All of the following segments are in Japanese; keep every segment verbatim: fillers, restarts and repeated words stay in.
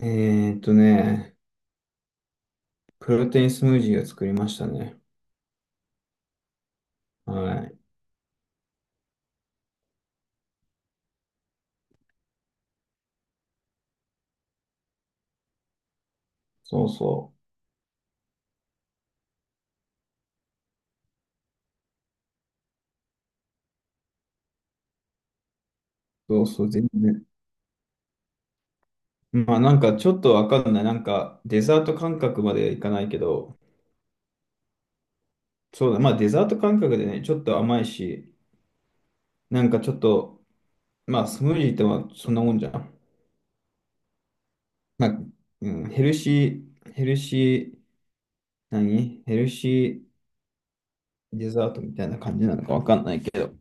えーっとね、プロテインスムージーを作りましたね。はい。そうそう。そうそう、全然。まあなんかちょっとわかんない。なんかデザート感覚までいかないけど、そうだ、まあデザート感覚でね、ちょっと甘いし、なんかちょっと、まあスムージーってまあそんなもんじゃん。まあ、うん、ヘルシー、ヘルシー、何ヘルシーデザートみたいな感じなのかわかんないけど。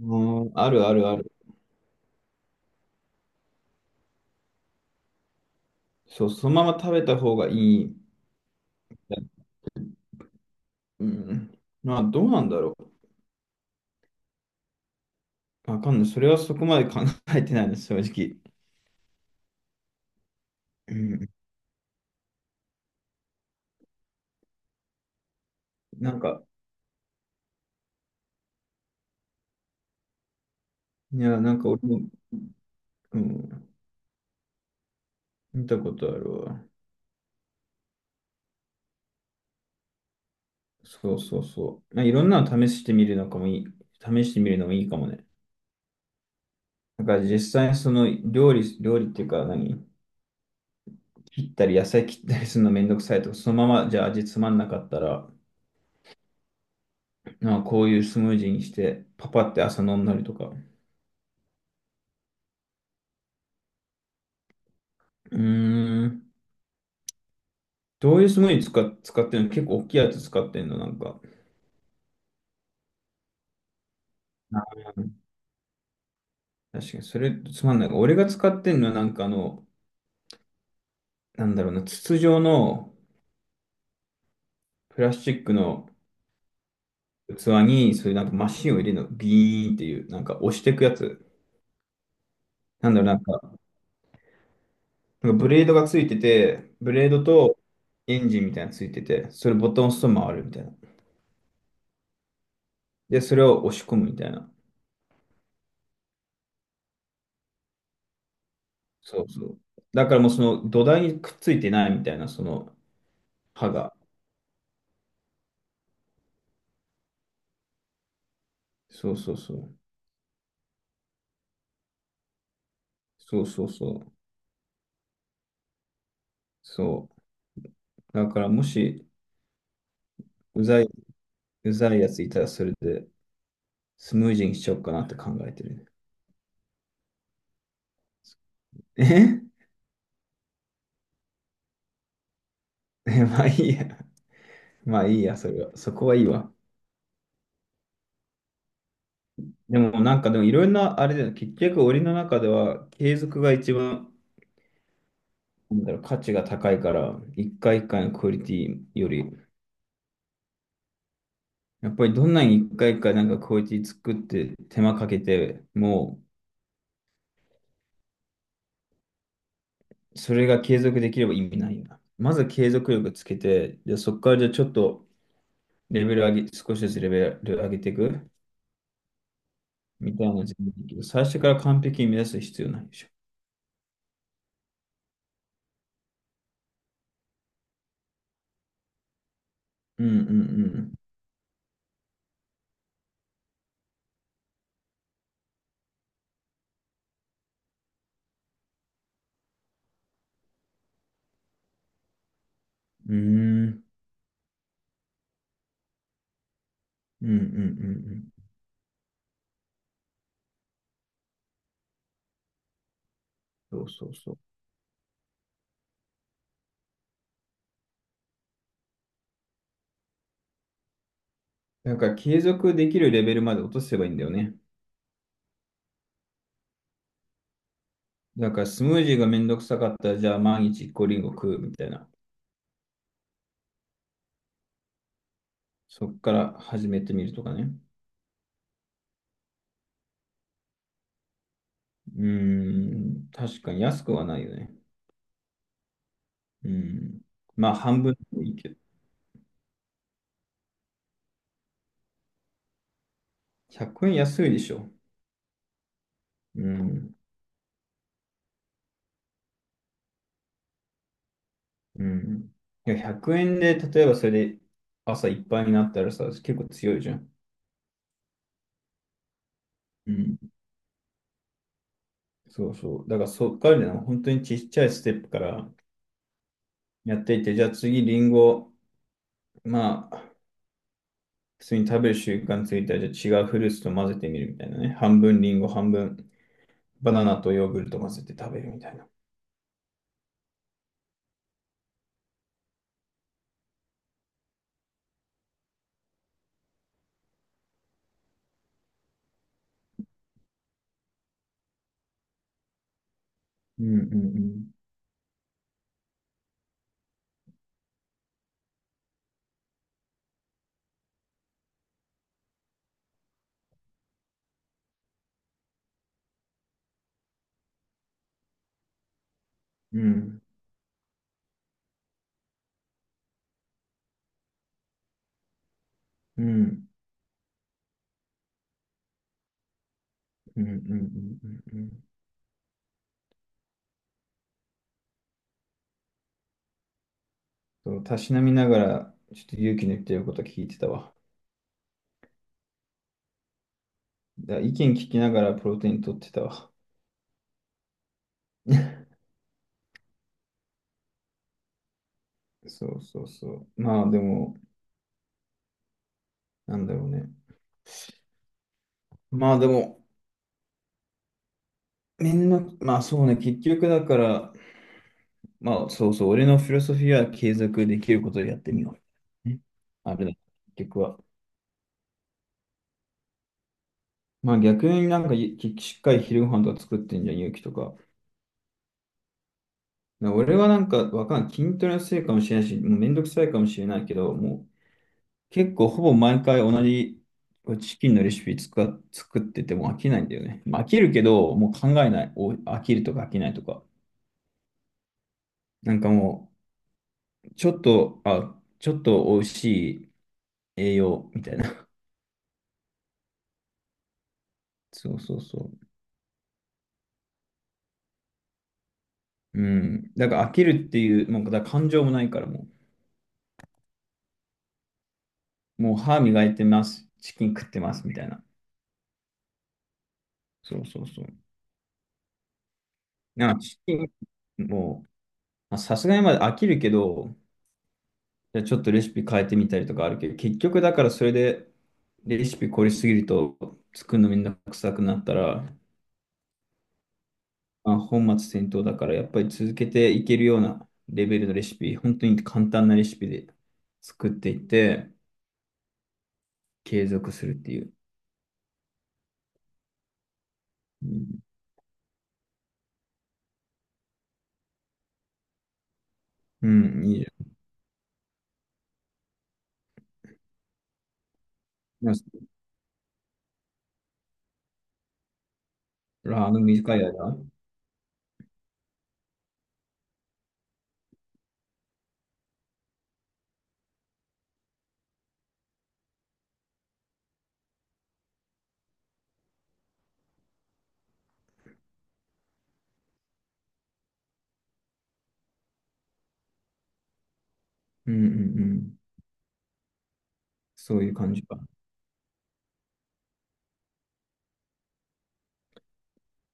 うん、あるあるある。そう、そのまま食べた方がいい。うん。まあ、どうなんだろう。わかんない。それはそこまで考えてないです、正直。うん。なんか、いや、なんか俺も、うん、見たことあるわ。そうそうそう。まあ、いろんなの試してみるのかもいい。試してみるのもいいかもね。だから実際にその料理、料理っていうか何切ったり野菜切ったりするのめんどくさいとか、そのままじゃあ味つまんなかったら、なんかこういうスムージーにして、パパって朝飲んだりとか。うーん。どういうスムージー使っ、使ってるの結構大きいやつ使ってんのなんか。うん、確かに、それつまんない。俺が使ってんのは、なんかあの、なんだろうな、筒状のプラスチックの器に、そういうなんかマシンを入れるの、ビーンっていう、なんか押していくやつ。なんだろう、なんか、なんかブレードがついてて、ブレードとエンジンみたいなのついてて、それボタンを押すと回るみたいな。で、それを押し込むみたいな。そうそう。だからもうその土台にくっついてないみたいな、その刃が。そうそうそう。そうそうそう。そう。だからもし、うざいうざいやついたらそれでスムージーにしようかなって考えてるね。ええ まあいいや。まあいいや、それは。そこはいいわ。でもなんかでもいろんなあれだよ。結局俺の中では継続が一番なんだろう価値が高いから、一回一回のクオリティより、やっぱりどんなに一回一回なんかクオリティ作って手間かけて、もうそれが継続できれば意味ないよな。まず継続力つけて、じゃあそこからじゃあちょっとレベル上げ、少しずつレベル上げていく。みたいな自分だけど、最初から完璧に目指す必要ないでしょ。うんうんうん。うーん。うんうんうんうん。そうそうそう。だから継続できるレベルまで落とせばいいんだよね。だからスムージーがめんどくさかったら、じゃあ毎日一個リンゴ食うみたいな。そっから始めてみるとかね。うーん。確かに安くはないよね。うん。まあ半分でもいいけど。ひゃくえん安いでしょ。うん。うん。いや、ひゃくえんで、例えばそれで朝いっぱいになったらさ、結構強いじゃん。うん、そうそう。だからそっからね、本当にちっちゃいステップからやっていって、じゃあ次リンゴ、まあ、普通に食べる習慣ついたら、じゃあ違うフルーツと混ぜてみるみたいなね。半分リンゴ、半分バナナとヨーグルト混ぜて食べるみたいな。うんうんうん。うんうんうんうんうんうんうん。そうたしなみながら、ちょっと勇気の言ってること聞いてたわ。だ意見聞きながらプロテイン取ってたわ。そうそうそう。まあでも、なんだろうね。まあでも、みんな、まあそうね、結局だから、まあそうそう、俺のフィロソフィーは継続できることでやってみよう。ね、あれだ、結局は。まあ逆になんかいしっかり昼ご飯とか作ってんじゃん、勇気とか。な俺はなんかわかんない。筋トレのせいかもしれないし、もうめんどくさいかもしれないけど、もう結構ほぼ毎回同じこうチキンのレシピつか作ってても飽きないんだよね。まあ飽きるけど、もう考えない。お飽きるとか飽きないとか。なんかもう、ちょっと、あ、ちょっと美味しい。栄養みたいな。そうそうそう。うん。だから飽きるっていう、もうだから感情もないからもう、もう歯磨いてます、チキン食ってますみたいな。そうそうそう。なんかチキン、もう、まあさすがにまだ飽きるけど、じゃあちょっとレシピ変えてみたりとかあるけど、結局だからそれでレシピ凝りすぎると作るのめんどくさくなったら、まあ、本末転倒だからやっぱり続けていけるようなレベルのレシピ、本当に簡単なレシピで作っていって継続するっていう。うん、うんいいじゃん。ラあ、あの短い間、うんうんうん、そういう感じか。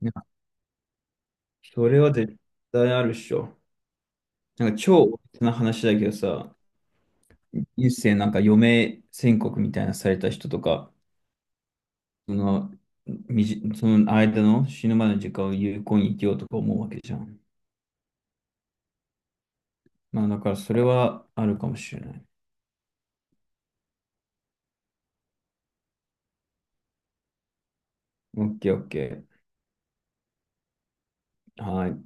なんか、それは絶対あるっしょ。なんか、超大きな話だけどさ、一世なんか余命宣告みたいなされた人とか、その、みじ、その間の死ぬまでの時間を有効に生きようとか思うわけじゃん。まあ、だからそれはあるかもしれない。オッケーオッケー。はい。